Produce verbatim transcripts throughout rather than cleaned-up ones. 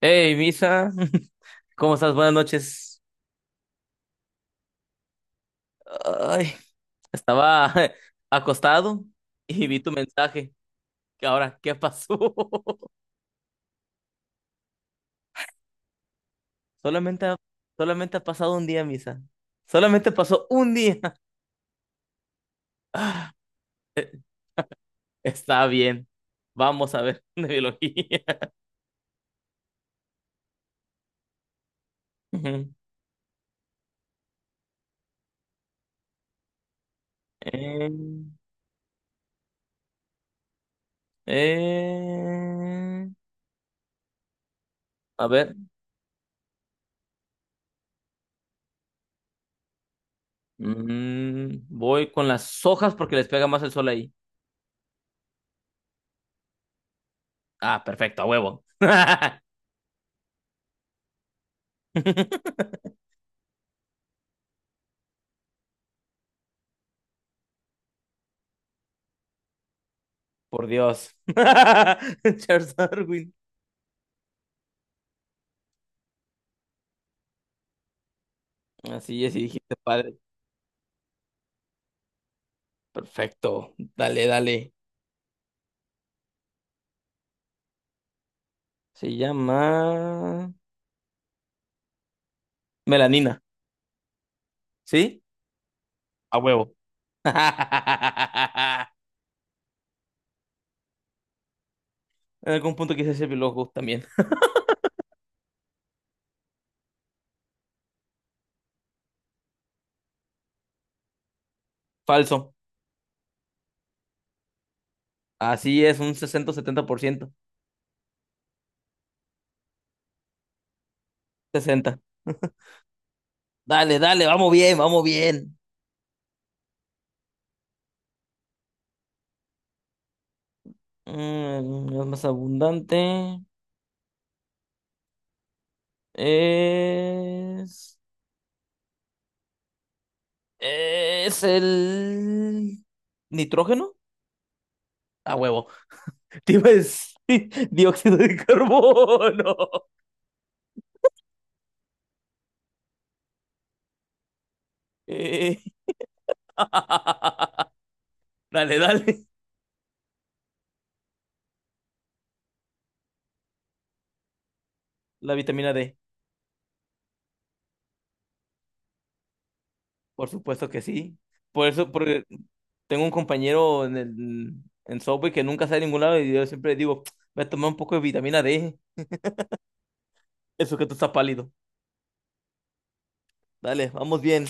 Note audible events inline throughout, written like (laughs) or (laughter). Hey, Misa, (laughs) ¿cómo estás? Buenas noches. Ay, estaba (laughs) acostado y vi tu mensaje. ¿Qué ahora? ¿Qué pasó? (laughs) Solamente, ha- solamente ha pasado un día, Misa. Solamente pasó un día. (laughs) Está bien. Vamos a ver (laughs) de biología. Ujú. Eh, eh, a ver. Mm, voy con las hojas porque les pega más el sol ahí. Ah, perfecto, a huevo. (laughs) Por Dios. (laughs) Charles Darwin. Así es, y dijiste padre. Perfecto. Dale, dale. Se llama melanina. ¿Sí? A huevo. (laughs) En algún punto quise ser biólogo también. Falso. Así es, un sesenta setenta por ciento, sesenta. Dale, dale, vamos bien, vamos bien. Mm, es más abundante. Es. Es el. ¿Nitrógeno? A huevo. Te iba a decir (laughs) dióxido de carbono. Eh. (laughs) Dale, dale. La vitamina D, por supuesto que sí. Por eso, porque tengo un compañero en el en Subway que nunca sale a ningún lado y yo siempre digo, voy a tomar un poco de vitamina D. Eso que tú estás pálido. Dale, vamos bien.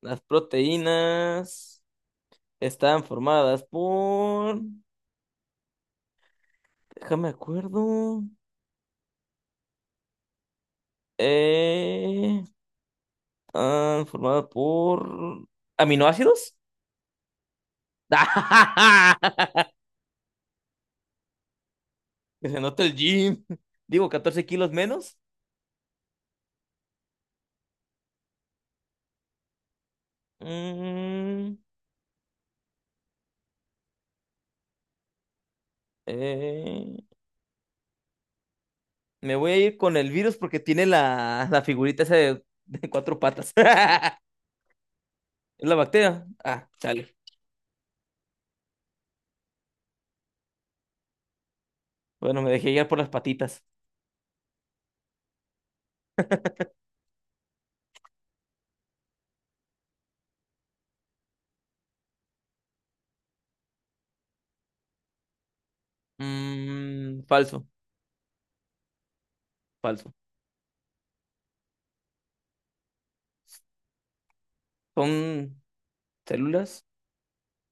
Las proteínas están formadas por. Déjame acuerdo. Eh, están formadas por aminoácidos. (laughs) Que se nota el gym. Digo, catorce kilos menos. Mm, eh, me voy a ir con el virus porque tiene la, la figurita esa de, de cuatro patas. (laughs) Es la bacteria. Ah, sale. Bueno, me dejé guiar por las patitas. Mm, falso, falso. Son células.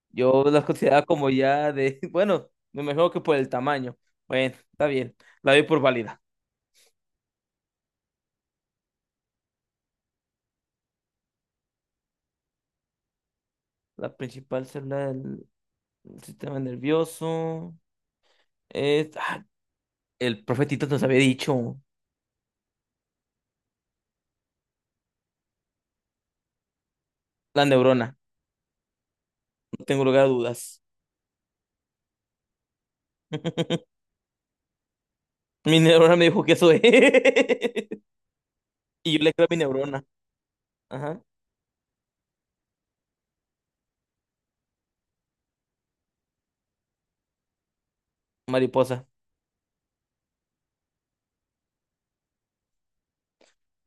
Yo las consideraba como ya de. (laughs) Bueno, me imagino que por el tamaño. Bueno, está bien. La doy por válida. La principal célula del sistema nervioso. Eh, ah, el profetito nos había dicho la neurona, no tengo lugar a dudas. (laughs) Mi neurona me dijo que eso es. (laughs) Y yo le creo a mi neurona. Ajá, mariposa.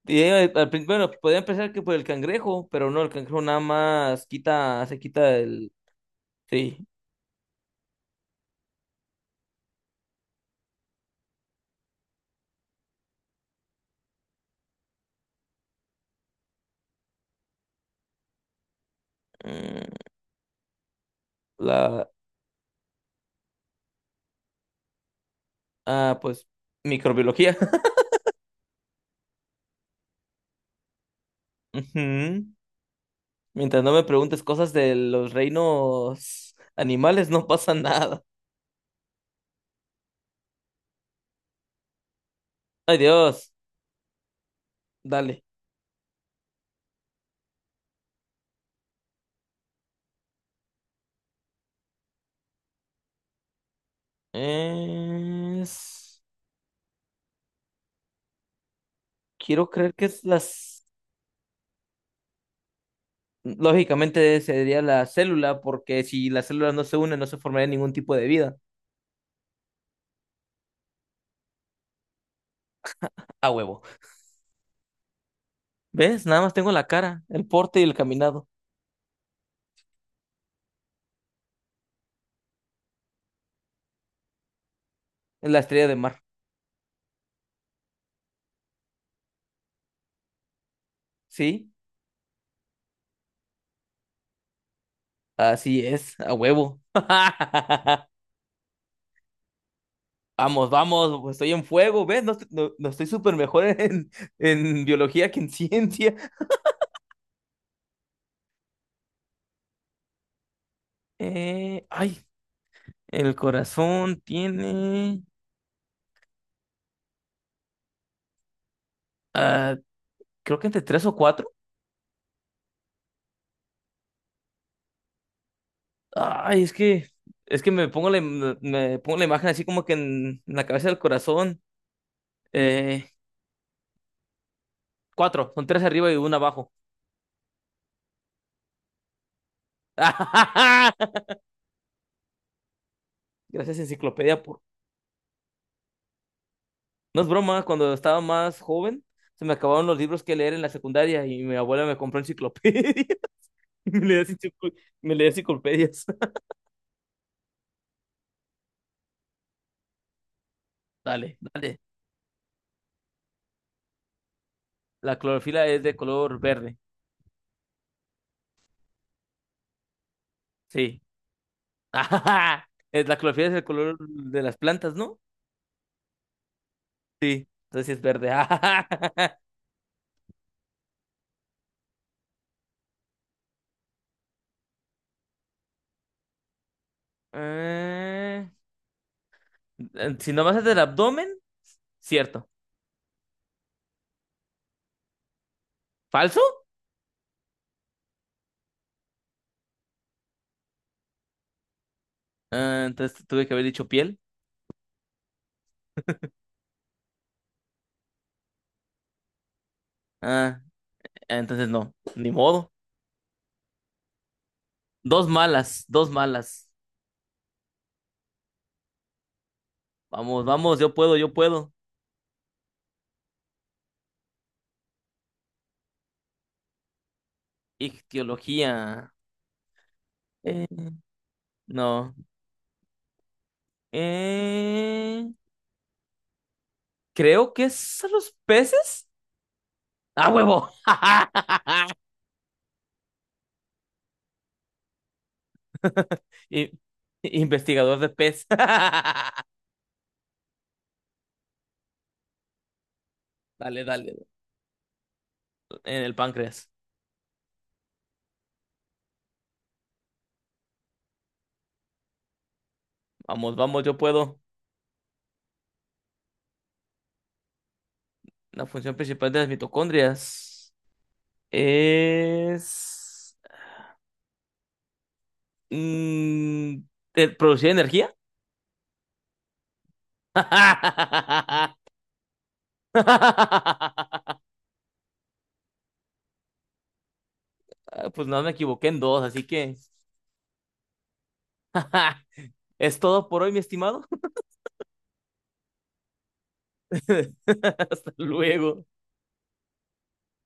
Y ella, al prin- bueno, podían pensar que por el cangrejo, pero no, el cangrejo nada más quita, se quita el. Sí. mm, La. Ah, pues, microbiología. (laughs) Ujú. Mientras no me preguntes cosas de los reinos animales, no pasa nada. Ay, Dios, dale. Es... Quiero creer que es las... Lógicamente sería la célula, porque si las células no se unen, no se formaría ningún tipo de vida. A huevo. ¿Ves? Nada más tengo la cara, el porte y el caminado. Es la estrella de mar. ¿Sí? Así es, a huevo. (laughs) Vamos, vamos, estoy en fuego, ¿ves? No, estoy- no, no estoy súper mejor (laughs) en, en, biología que en ciencia. Eh, ay, el corazón tiene... Ah, creo que entre tres o cuatro. Ay, es que, es que me pongo la, im- me pongo la imagen así como que en, en la cabeza del corazón. Eh, cuatro, son tres arriba y uno abajo. (laughs) Gracias, enciclopedia, por. No es broma, cuando estaba más joven, se me acabaron los libros que leer en la secundaria y mi abuela me compró enciclopedia. (laughs) Y Me leía, enciclo- me leía enciclopedias. (laughs) Dale, dale. La clorofila es de color verde. Sí. (laughs) Es- La clorofila es el color de las plantas, ¿no? Sí. Entonces sí es verde. (laughs) Eh, eh, si nomás es del abdomen, cierto. ¿Falso? Ah, entonces tuve que haber dicho piel. Ah, entonces no, ni modo. Dos malas, dos malas. Vamos, vamos, yo puedo, yo puedo. Ictiología. Eh, no. Eh, creo que es a los peces. ¡Ah, huevo! (laughs) I- Investigador de pez. (laughs) Dale, dale. En el páncreas. Vamos, vamos, yo puedo. La función principal de las mitocondrias es mm, ¿de- producir energía. (laughs) Pues no me equivoqué en dos, así que (laughs) es todo por hoy, mi estimado. (laughs) Hasta luego.